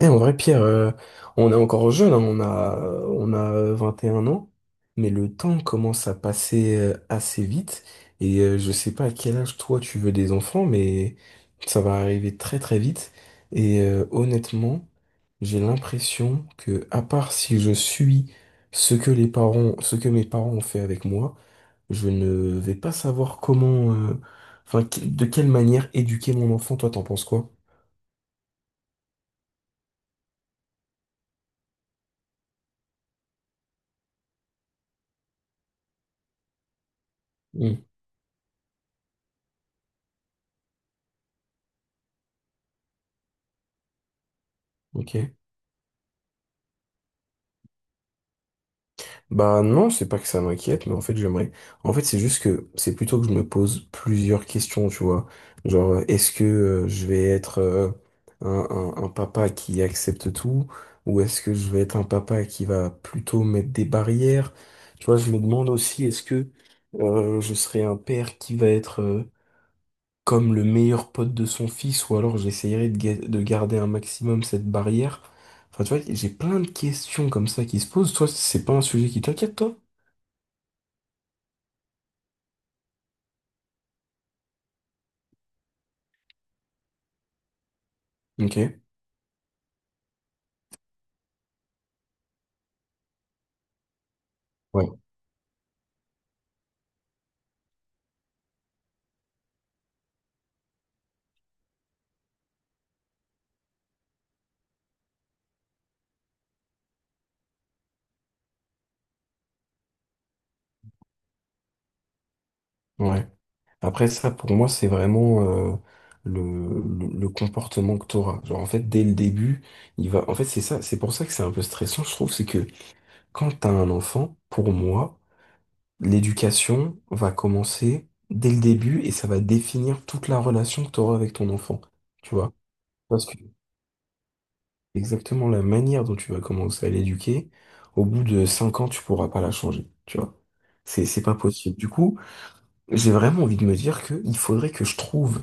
Eh, en vrai, Pierre, on est encore jeune, hein, on a 21 ans, mais le temps commence à passer assez vite. Et je sais pas à quel âge toi tu veux des enfants, mais ça va arriver très très vite. Et honnêtement, j'ai l'impression que, à part si je suis ce que mes parents ont fait avec moi, je ne vais pas savoir comment, enfin, de quelle manière éduquer mon enfant. Toi, t'en penses quoi? Hmm. Ok. Bah non, c'est pas que ça m'inquiète, mais en fait j'aimerais. En fait, c'est juste que c'est plutôt que je me pose plusieurs questions, tu vois. Genre, est-ce que je vais être un, un papa qui accepte tout, ou est-ce que je vais être un papa qui va plutôt mettre des barrières? Tu vois, je me demande aussi, est-ce que je serai un père qui va être comme le meilleur pote de son fils, ou alors j'essayerai de garder un maximum cette barrière. Enfin, tu vois, j'ai plein de questions comme ça qui se posent. Toi, c'est pas un sujet qui t'inquiète, toi? Ok, ouais, ouais. Après ça, pour moi, c'est vraiment euh, le, le comportement que t'auras. Genre, en fait, dès le début, il va. En fait, c'est ça, c'est pour ça que c'est un peu stressant, je trouve, c'est que quand t'as un enfant, pour moi, l'éducation va commencer dès le début et ça va définir toute la relation que t'auras avec ton enfant. Tu vois? Parce que exactement la manière dont tu vas commencer à l'éduquer, au bout de 5 ans, tu pourras pas la changer. Tu vois? C'est pas possible. Du coup. J'ai vraiment envie de me dire que il faudrait que je trouve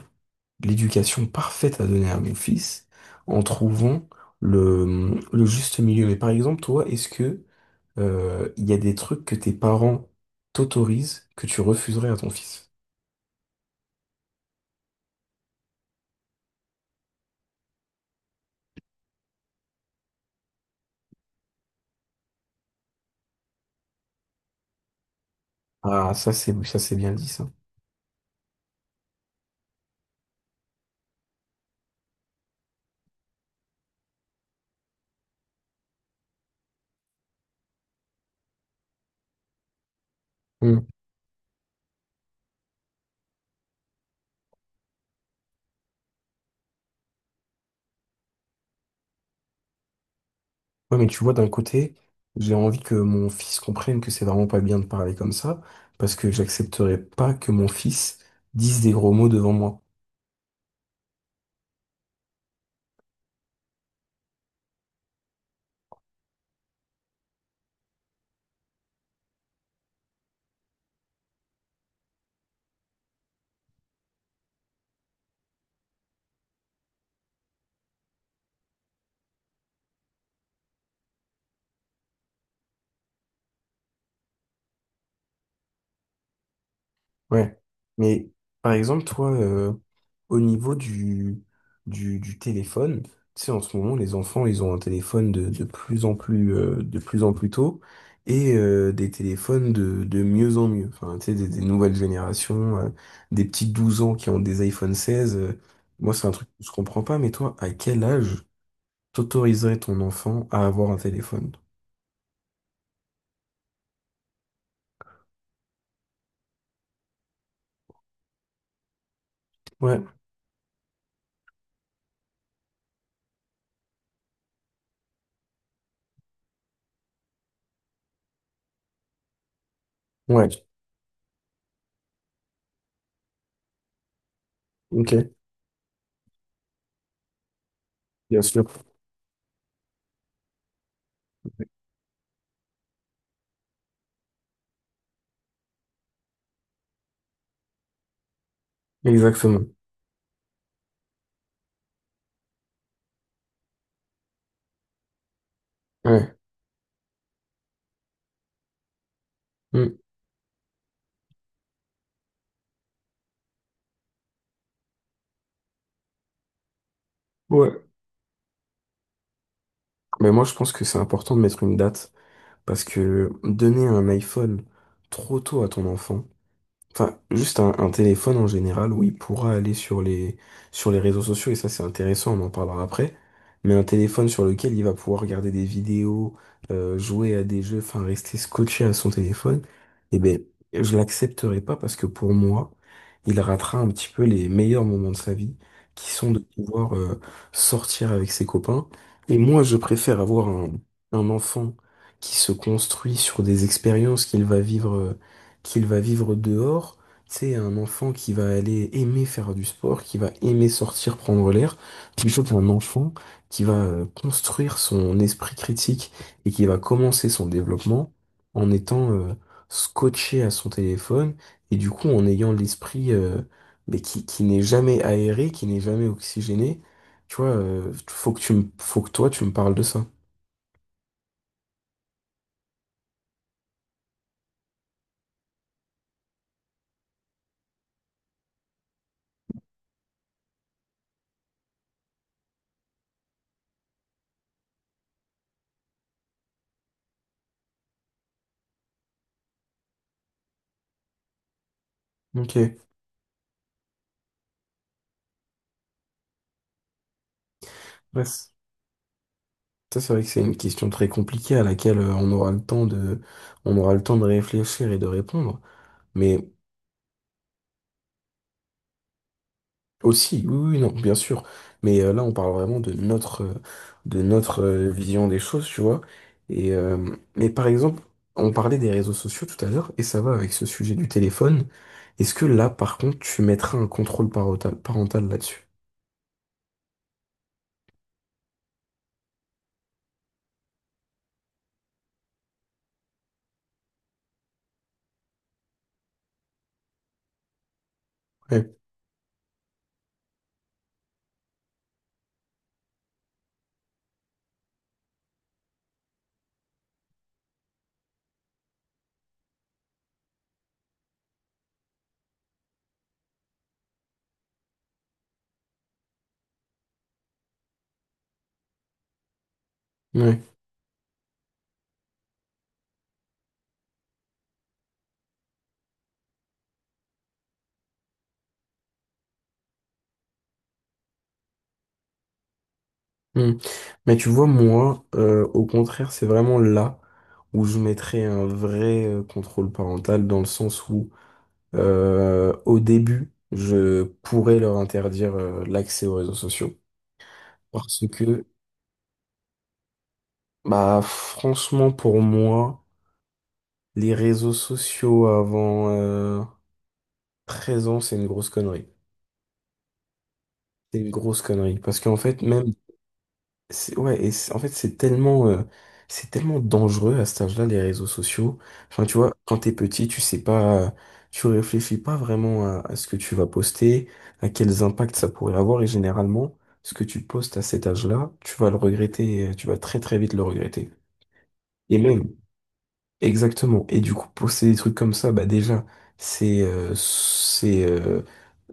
l'éducation parfaite à donner à mon fils en trouvant le juste milieu. Mais par exemple, toi, est-ce que il y a des trucs que tes parents t'autorisent que tu refuserais à ton fils? Ah, ça c'est bien dit ça. Hmm. Ouais, mais tu vois, d'un côté, j'ai envie que mon fils comprenne que c'est vraiment pas bien de parler comme ça, parce que j'accepterai pas que mon fils dise des gros mots devant moi. Ouais. Mais par exemple, toi, au niveau du téléphone, tu sais, en ce moment, les enfants, ils ont un téléphone de plus en plus, de plus en plus tôt et des téléphones de mieux en mieux. Enfin, tu sais, des nouvelles générations, des petits 12 ans qui ont des iPhone 16. Moi, c'est un truc que je comprends pas, mais toi, à quel âge t'autoriserais ton enfant à avoir un téléphone? Ouais, ouais, ok, bien sûr, exactement. Ouais. Mm. Ouais. Mais moi, je pense que c'est important de mettre une date parce que donner un iPhone trop tôt à ton enfant. Enfin, juste un téléphone en général où il pourra aller sur les réseaux sociaux, et ça c'est intéressant, on en parlera après. Mais un téléphone sur lequel il va pouvoir regarder des vidéos, jouer à des jeux, enfin rester scotché à son téléphone, eh ben, je l'accepterai pas parce que pour moi, il ratera un petit peu les meilleurs moments de sa vie, qui sont de pouvoir sortir avec ses copains. Et moi, je préfère avoir un enfant qui se construit sur des expériences qu'il va vivre. Qu'il va vivre dehors. C'est un enfant qui va aller aimer faire du sport, qui va aimer sortir, prendre l'air, plutôt qu'un enfant qui va construire son esprit critique et qui va commencer son développement en étant scotché à son téléphone et du coup en ayant l'esprit mais qui n'est jamais aéré, qui n'est jamais oxygéné. Tu vois, faut que faut que toi tu me parles de ça. Ok. Ouais. Ça, c'est vrai que c'est une question très compliquée à laquelle on aura le temps on aura le temps de réfléchir et de répondre. Mais aussi, oui, oui, oui, non, bien sûr. Mais là, on parle vraiment de notre, vision des choses, tu vois. Et mais par exemple, on parlait des réseaux sociaux tout à l'heure, et ça va avec ce sujet du téléphone. Est-ce que là, par contre, tu mettras un contrôle parental là-dessus? Ouais. Ouais. Hmm. Mais tu vois, moi, au contraire, c'est vraiment là où je mettrais un vrai contrôle parental dans le sens où, au début, je pourrais leur interdire l'accès aux réseaux sociaux. Parce que, bah, franchement, pour moi, les réseaux sociaux avant 13 ans, c'est une grosse connerie. C'est une grosse connerie. Parce qu'en fait, même. C'est, ouais, et en fait, c'est tellement dangereux à cet âge-là, les réseaux sociaux. Enfin, tu vois, quand t'es petit, tu sais pas, tu réfléchis pas vraiment à ce que tu vas poster, à quels impacts ça pourrait avoir, et généralement, ce que tu postes à cet âge-là, tu vas le regretter, tu vas très très vite le regretter. Et même, exactement. Et du coup, poster des trucs comme ça, bah déjà, c'est, euh, c'est, euh,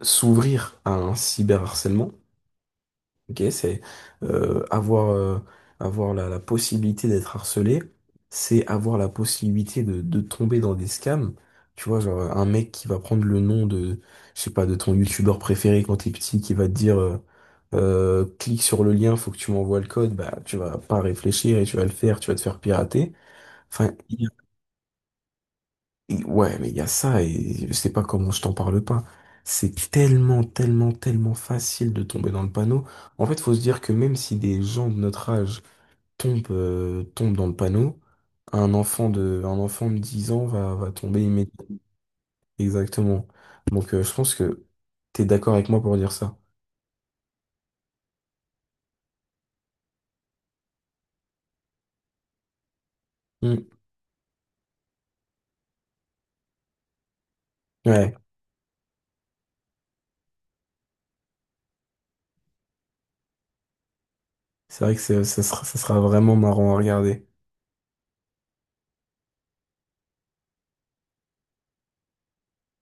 s'ouvrir à un cyberharcèlement. Ok, c'est euh, avoir, euh, avoir la possibilité d'être harcelé, c'est avoir la possibilité de tomber dans des scams. Tu vois, genre un mec qui va prendre le nom de, je sais pas, de ton youtubeur préféré quand t'es petit, qui va te dire clique sur le lien, faut que tu m'envoies le code, bah tu vas pas réfléchir et tu vas le faire, tu vas te faire pirater. Enfin, et ouais, mais il y a ça et je sais pas comment je t'en parle pas. C'est tellement, tellement, tellement facile de tomber dans le panneau. En fait, faut se dire que même si des gens de notre âge tombent dans le panneau, un enfant de 10 ans va tomber immédiatement. Exactement. Donc, je pense que t'es d'accord avec moi pour dire ça. Mm. Ouais, c'est vrai que ça sera vraiment marrant à regarder.